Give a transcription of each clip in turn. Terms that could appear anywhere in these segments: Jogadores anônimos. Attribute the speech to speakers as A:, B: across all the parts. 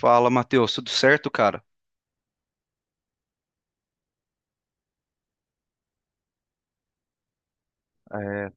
A: Fala, Matheus, tudo certo, cara? É,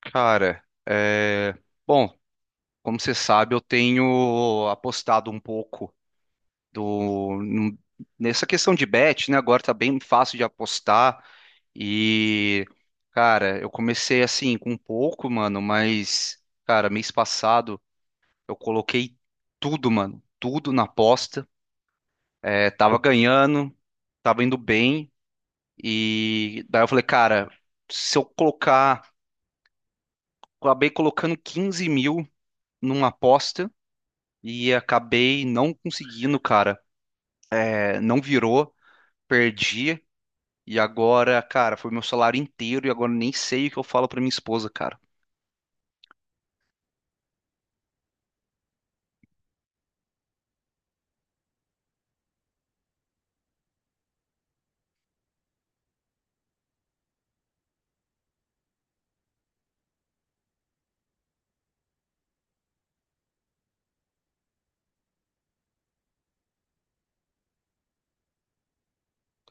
A: cara, é, bom, Como você sabe, eu tenho apostado um pouco do num- nessa questão de bet, né? Agora tá bem fácil de apostar e, cara, eu comecei assim com um pouco, mano, mas, cara, mês passado eu coloquei tudo, mano, tudo na aposta. Tava ganhando, tava indo bem e daí eu falei, cara, se eu colocar acabei colocando 15 mil numa aposta e acabei não conseguindo, cara. Não virou, perdi. E agora, cara, foi meu salário inteiro e agora nem sei o que eu falo pra minha esposa, cara.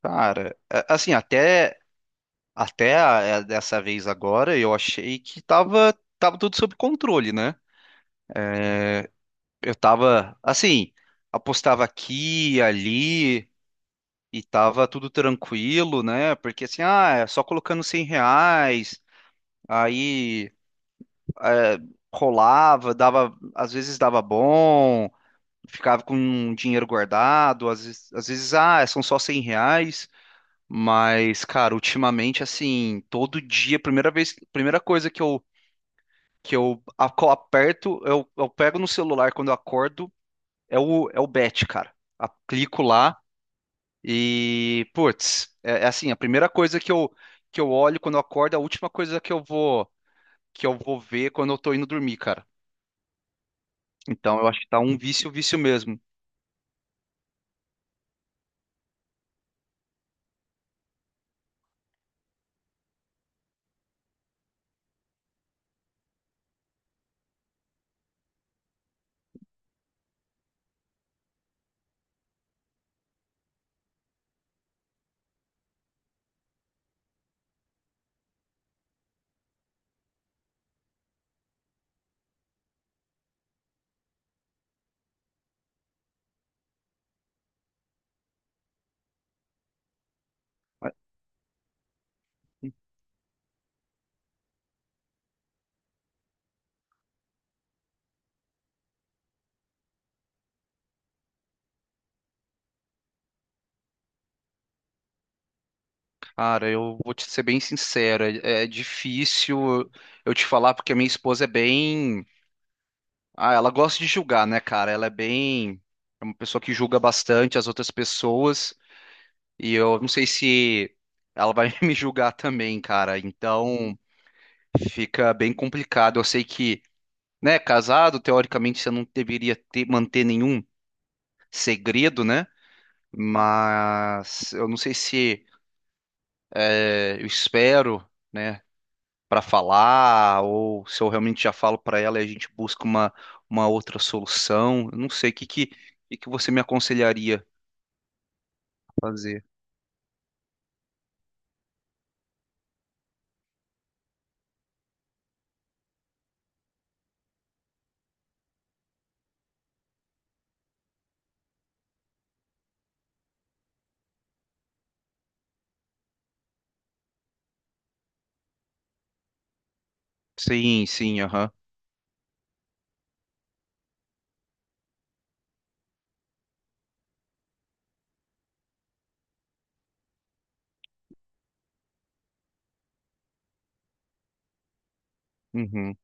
A: Cara, assim, dessa vez agora eu achei que tava tudo sob controle, né? Eu tava, assim, apostava aqui, ali e tava tudo tranquilo, né? Porque assim, ah, é só colocando 100 reais, aí. é, rolava, dava, às vezes dava bom, ficava com um dinheiro guardado, às vezes, ah, são só 100 reais, mas, cara, ultimamente, assim, todo dia, primeira vez, primeira coisa que aperto, eu pego no celular quando eu acordo, é o bet, cara. Clico lá e, putz, é, é assim, a primeira coisa que eu olho quando eu acordo, é a última coisa que eu vou ver quando eu tô indo dormir, cara. Então, eu acho que tá um vício, vício mesmo. Cara, eu vou te ser bem sincero, é difícil eu te falar porque a minha esposa é bem, ah, ela gosta de julgar, né, cara? Ela é bem, é uma pessoa que julga bastante as outras pessoas e eu não sei se ela vai me julgar também, cara. Então, fica bem complicado. Eu sei que, né, casado, teoricamente você não deveria ter manter nenhum segredo, né? Mas eu não sei se eu espero, né, para falar, ou se eu realmente já falo para ela e a gente busca uma outra solução. Eu não sei, o que que você me aconselharia a fazer? Sim, sim, aham. Uhum,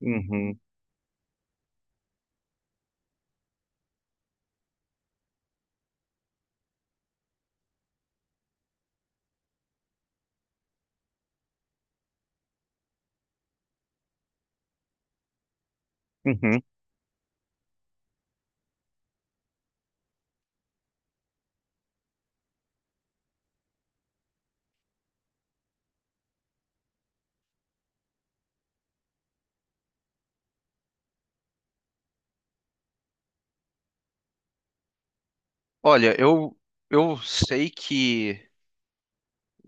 A: uhum, uhum. Olha, eu sei que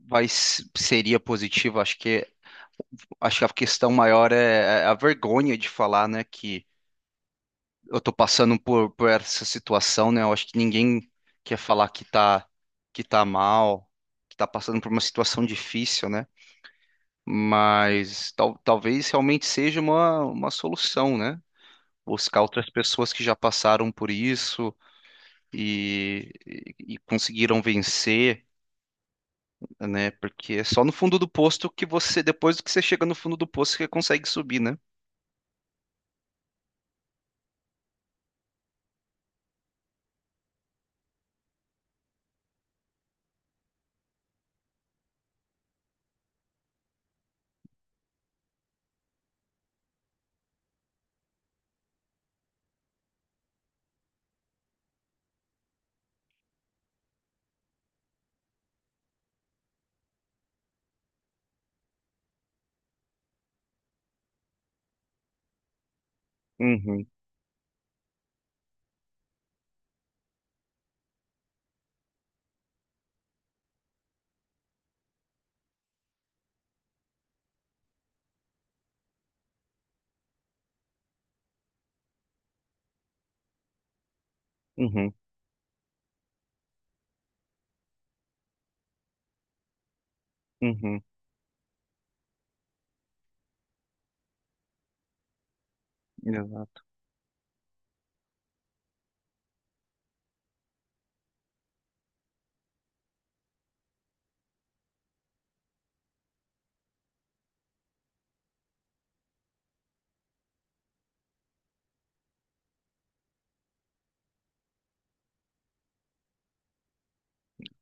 A: seria positivo, acho que a questão maior é a vergonha de falar, né, que eu tô passando por essa situação, né? Eu acho que ninguém quer falar que tá mal, que tá passando por uma situação difícil, né? Mas talvez realmente seja uma solução, né? Buscar outras pessoas que já passaram por isso e conseguiram vencer, né? Porque é só no fundo do posto que você, depois que você chega no fundo do posto, que você consegue subir, né? Uhum, uhum, uhum. Exato.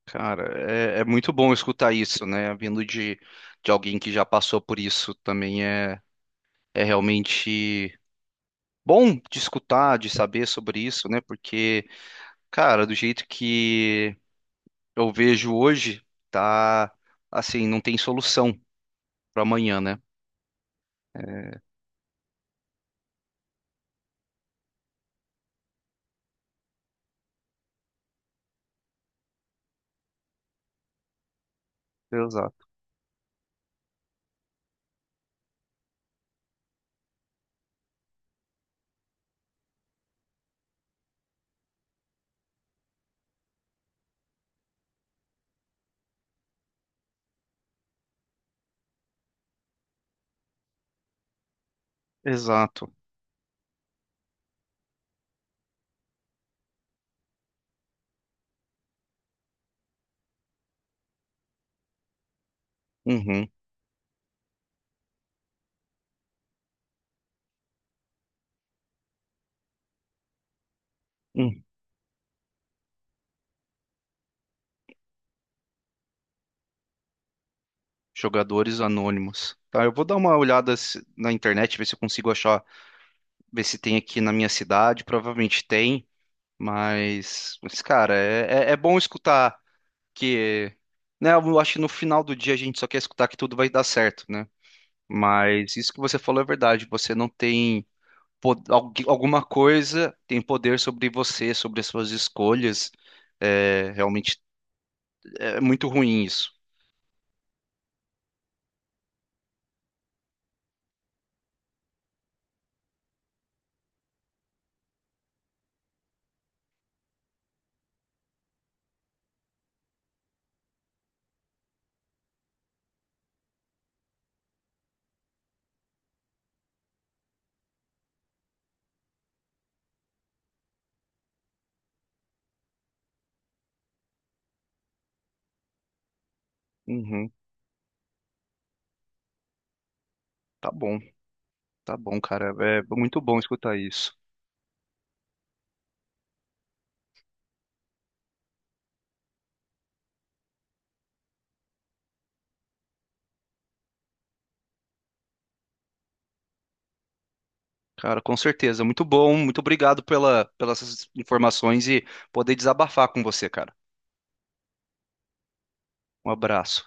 A: Cara, é muito bom escutar isso, né? Vindo de alguém que já passou por isso também é realmente bom de escutar, de saber sobre isso, né? Porque, cara, do jeito que eu vejo hoje, tá assim, não tem solução para amanhã, né? Exato. Exato. Uhum. Hum. Jogadores anônimos. Tá, eu vou dar uma olhada na internet, ver se eu consigo achar, ver se tem aqui na minha cidade. Provavelmente tem. Mas cara, é bom escutar que, né? Eu acho que no final do dia a gente só quer escutar que tudo vai dar certo, né? Mas isso que você falou é verdade. Você não tem alguma coisa tem poder sobre você, sobre as suas escolhas. É, realmente é muito ruim isso. Uhum, tá bom, tá bom, cara. É muito bom escutar isso. Cara, com certeza. Muito bom. Muito obrigado pela, pelas informações e poder desabafar com você, cara. Um abraço.